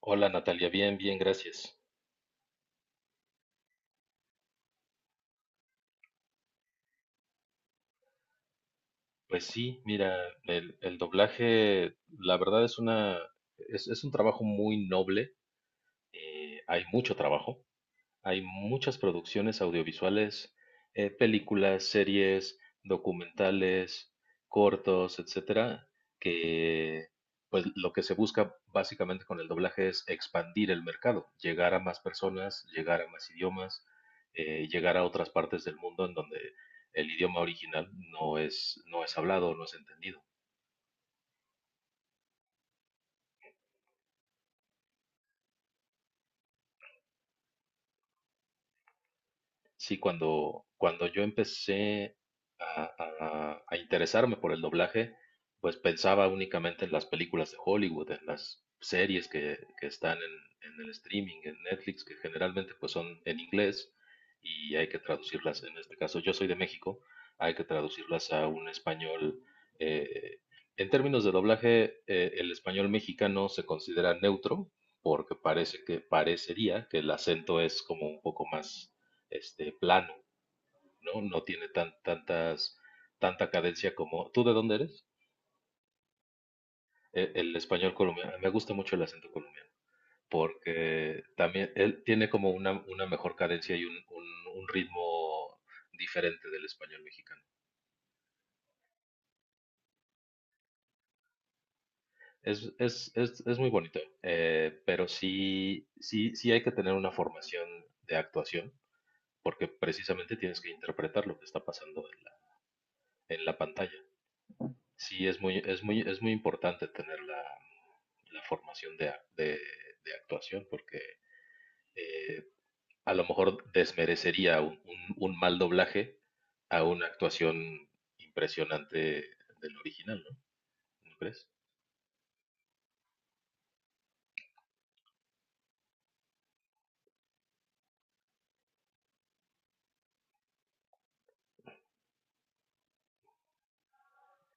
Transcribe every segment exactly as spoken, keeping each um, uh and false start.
Hola Natalia, bien, bien, gracias. Pues sí, mira, el, el doblaje, la verdad es una, es, es un trabajo muy noble, eh, hay mucho trabajo. Hay muchas producciones audiovisuales, eh, películas, series, documentales, cortos, etcétera, que pues lo que se busca básicamente con el doblaje es expandir el mercado, llegar a más personas, llegar a más idiomas, eh, llegar a otras partes del mundo en donde el idioma original no es, no es hablado, no es entendido. Sí, cuando, cuando yo empecé a, a- a interesarme por el doblaje, pues pensaba únicamente en las películas de Hollywood, en las series que, que están en, en el streaming, en Netflix, que generalmente pues son en inglés y hay que traducirlas. En este caso, yo soy de México, hay que traducirlas a un español. eh, en términos de doblaje, eh, el español mexicano se considera neutro porque parece que parecería que el acento es como un poco más este, plano, ¿no? No tiene tan, tantas, tanta cadencia como... ¿Tú de dónde eres? El, el español colombiano. Me gusta mucho el acento colombiano, porque también él tiene como una, una mejor cadencia y un, un- un ritmo diferente del español mexicano. Es, es, es, es muy bonito, eh, pero sí, sí, sí hay que tener una formación de actuación, porque precisamente tienes que interpretar lo que está pasando en la, en la pantalla. Sí, es muy, es muy, es muy importante tener la, la formación de, ac- de- de actuación porque eh, a lo mejor desmerecería un, un- un mal doblaje a una actuación impresionante del original, ¿no? ¿No crees?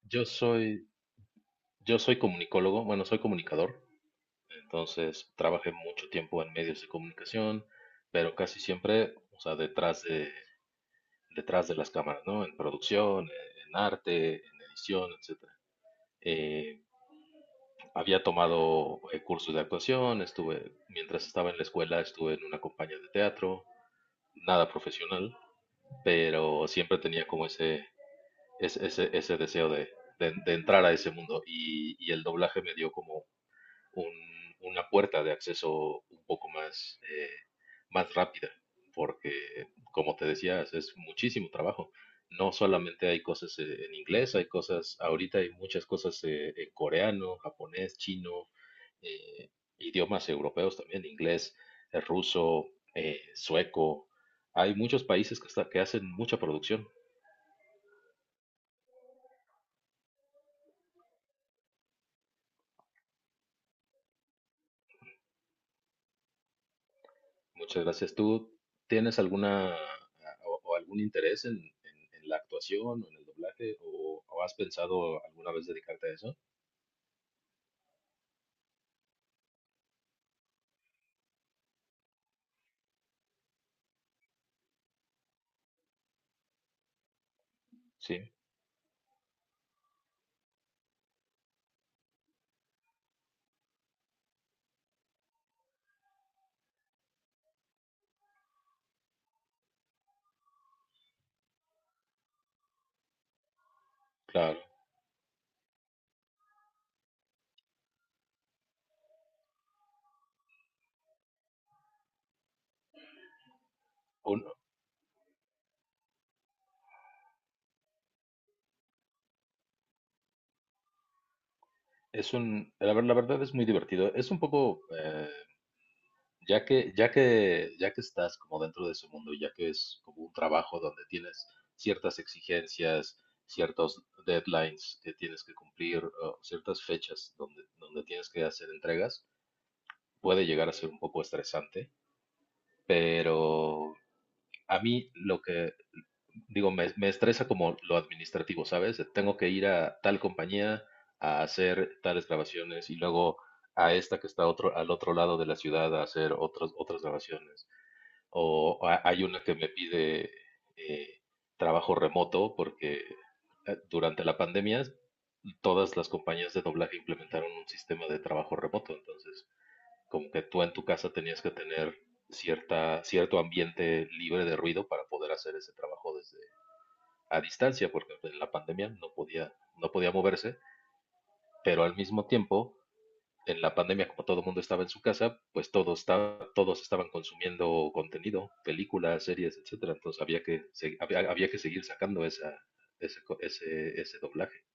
Yo soy, yo soy comunicólogo, bueno, soy comunicador, entonces trabajé mucho tiempo en medios de comunicación, pero casi siempre, o sea, detrás de, detrás de las cámaras, ¿no? En producción, en arte, en edición, etcétera. Eh, Había tomado eh, cursos de actuación, estuve, mientras estaba en la escuela, estuve en una compañía de teatro, nada profesional, pero siempre tenía como ese, ese, ese, ese deseo de, de, de, entrar a ese mundo y, y el doblaje me dio como un, una puerta de acceso un poco más, eh, más rápida, porque como te decías, es muchísimo trabajo. No solamente hay cosas eh, en inglés, hay cosas, ahorita hay muchas cosas eh, en coreano, japonés, chino, eh, idiomas europeos también, inglés, eh, ruso, eh, sueco. Hay muchos países que, hasta que hacen mucha producción. Muchas gracias. ¿Tú tienes alguna o, o algún interés en, en- en la actuación o en el doblaje o, o has pensado alguna vez dedicarte a eso? Sí, claro. Un- es un, la, ver- la verdad es muy divertido. Es un poco eh, ya que, ya que, ya que estás como dentro de ese mundo, ya que es como un trabajo donde tienes ciertas exigencias, ciertos deadlines que tienes que cumplir, o ciertas fechas donde, donde tienes que hacer entregas, puede llegar a ser un poco estresante, pero a mí lo que digo, me, me estresa como lo administrativo, ¿sabes? Tengo que ir a tal compañía a hacer tales grabaciones y luego a esta que está otro, al otro lado de la ciudad a hacer otras, otras grabaciones o ha- hay una que me pide eh, trabajo remoto porque eh, durante la pandemia todas las compañías de doblaje implementaron un sistema de trabajo remoto. Entonces, como que tú en tu casa tenías que tener cierta, cierto ambiente libre de ruido para poder hacer ese trabajo desde a distancia, porque en la pandemia no podía, no podía moverse, pero al mismo tiempo en la pandemia, como todo el mundo estaba en su casa, pues todo está, todos estaban consumiendo contenido, películas, series, etcétera. Entonces había que, se- había, había que seguir sacando esa, ese, ese, ese doblaje.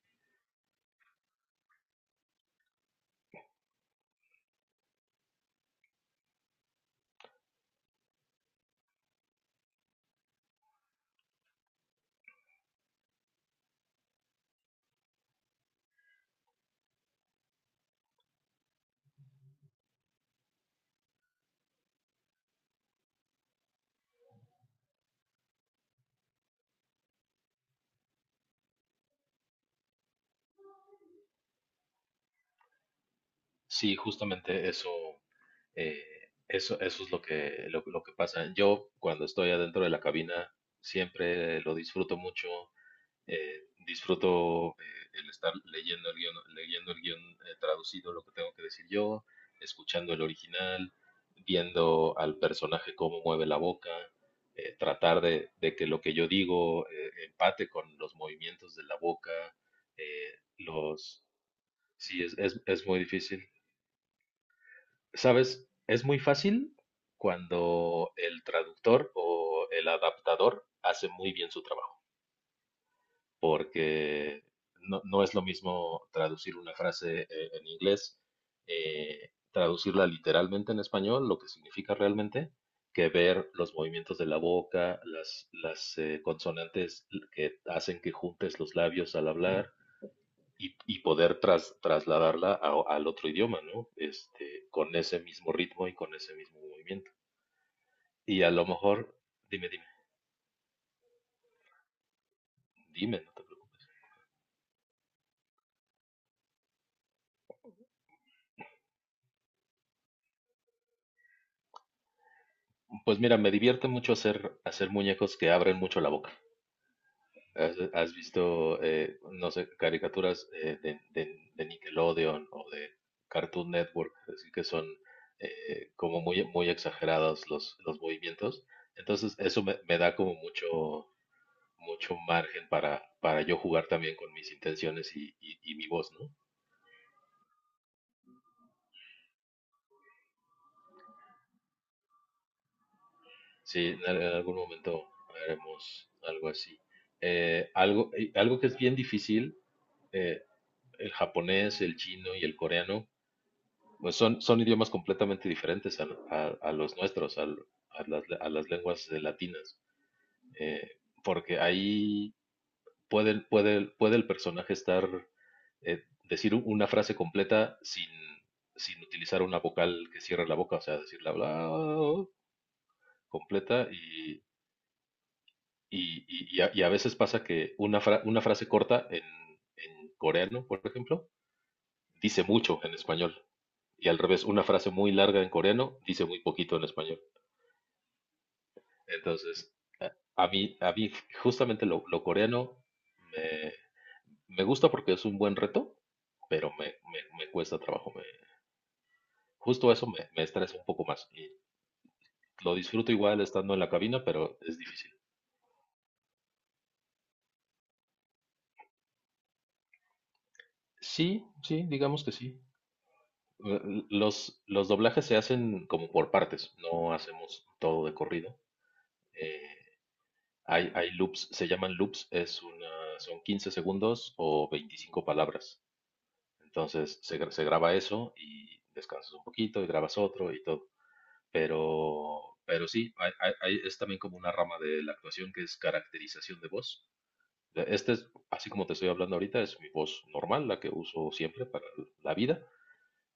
Sí, justamente eso, eh, eso, eso es lo que, lo, lo que pasa. Yo cuando estoy adentro de la cabina siempre lo disfruto mucho, eh, disfruto eh, el estar leyendo el guión, leyendo el guión eh, traducido, lo que tengo que decir yo, escuchando el original, viendo al personaje cómo mueve la boca, eh, tratar de, de que lo que yo digo eh, empate con los movimientos de la boca, eh, los... Sí, es, es, es muy difícil. ¿Sabes? Es muy fácil cuando el traductor o el adaptador hace muy bien su trabajo, porque no, no es lo mismo traducir una frase eh, en inglés, eh, traducirla literalmente en español, lo que significa realmente, que ver los movimientos de la boca, las, las eh, consonantes que hacen que juntes los labios al hablar y, y poder tras- trasladarla a- al otro idioma, ¿no? Este, con ese mismo ritmo y con ese mismo movimiento. Y a lo mejor, dime, dime, dime, no te preocupes. Pues mira, me divierte mucho hacer, hacer muñecos que abren mucho la boca. ¿Has, has visto, eh, no sé, caricaturas eh, de, de- de Nickelodeon o de Cartoon Network, así que son eh, como muy, muy exagerados los, los movimientos? Entonces, eso me, me da como mucho, mucho margen para, para yo jugar también con mis intenciones y, y- y mi voz, ¿no? Sí, en, al- en algún momento haremos algo así. Eh, algo, y algo que es bien difícil, eh, el japonés, el chino y el coreano pues son, son idiomas completamente diferentes a, a- a los nuestros, al- a, las, a las lenguas eh, latinas, eh, porque ahí puede, puede, puede el personaje estar, eh, decir u- una frase completa sin, sin utilizar una vocal que cierre la boca, o sea, decir la bla completa y, y, y, y a, y a veces pasa que una, fra- una frase corta en, en coreano, por ejemplo, dice mucho en español. Y al revés, una frase muy larga en coreano dice muy poquito en español. Entonces, eh, a mí, a mí justamente lo, lo coreano me, me gusta porque es un buen reto, pero me, me, me cuesta trabajo. Me- justo eso me, me estresa un poco más. Y lo disfruto igual estando en la cabina, pero es difícil. Sí, sí, digamos que sí. Eh, Los, los doblajes se hacen como por partes, no hacemos todo de corrido. Eh, hay, hay loops, se llaman loops, es una, son quince segundos o veinticinco palabras. Entonces se, gra- se graba eso y descansas un poquito y grabas otro y todo. Pero, pero sí, hay- hay- hay- es también como una rama de la actuación que es caracterización de voz. Eh, Este es, así como te estoy hablando ahorita, es mi voz normal, la que uso siempre para la vida.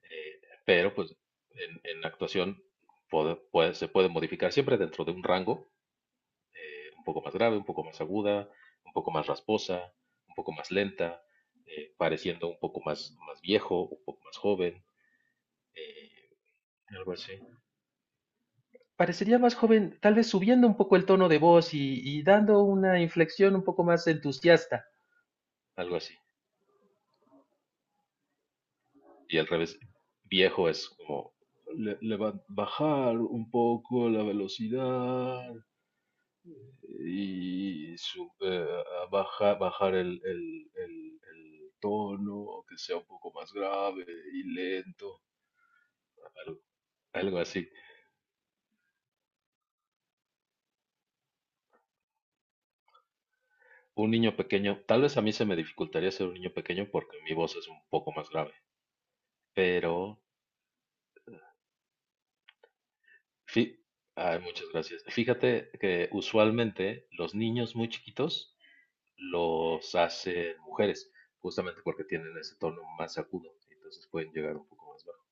eh, Pero pues en, en actuación puede- puede- se puede modificar siempre dentro de un rango, un poco más grave, un poco más aguda, un poco más rasposa, un poco más lenta, eh, pareciendo un poco más, más viejo, un poco más joven. eh, Algo así. Parecería más joven, tal vez subiendo un poco el tono de voz y, y dando una inflexión un poco más entusiasta. Algo así. Y al revés, viejo es como le, le va a bajar un poco la velocidad y su- eh, a baja- bajar el, el- el- el tono, que sea un poco más grave y lento. Algo, algo así. Un niño pequeño, tal vez a mí se me dificultaría ser un niño pequeño porque mi voz es un poco más grave, pero Fi- ay, muchas gracias. Fíjate que usualmente los niños muy chiquitos los hacen mujeres, justamente porque tienen ese tono más agudo, entonces pueden llegar un poco más bajo.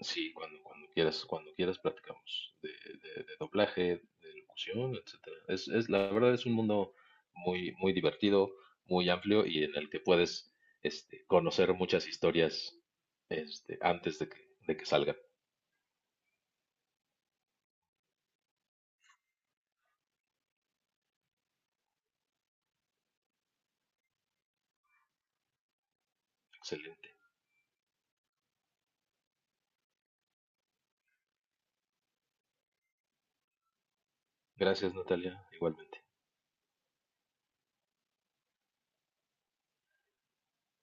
Sí, cuando, cuando quieras, cuando quieras platicamos de, de- de doblaje, de locución, etcétera. Es, es, la verdad es un mundo muy, muy divertido, muy amplio y en el que puedes este, conocer muchas historias este, antes de que, de que salgan. Excelente. Gracias, Natalia, igualmente.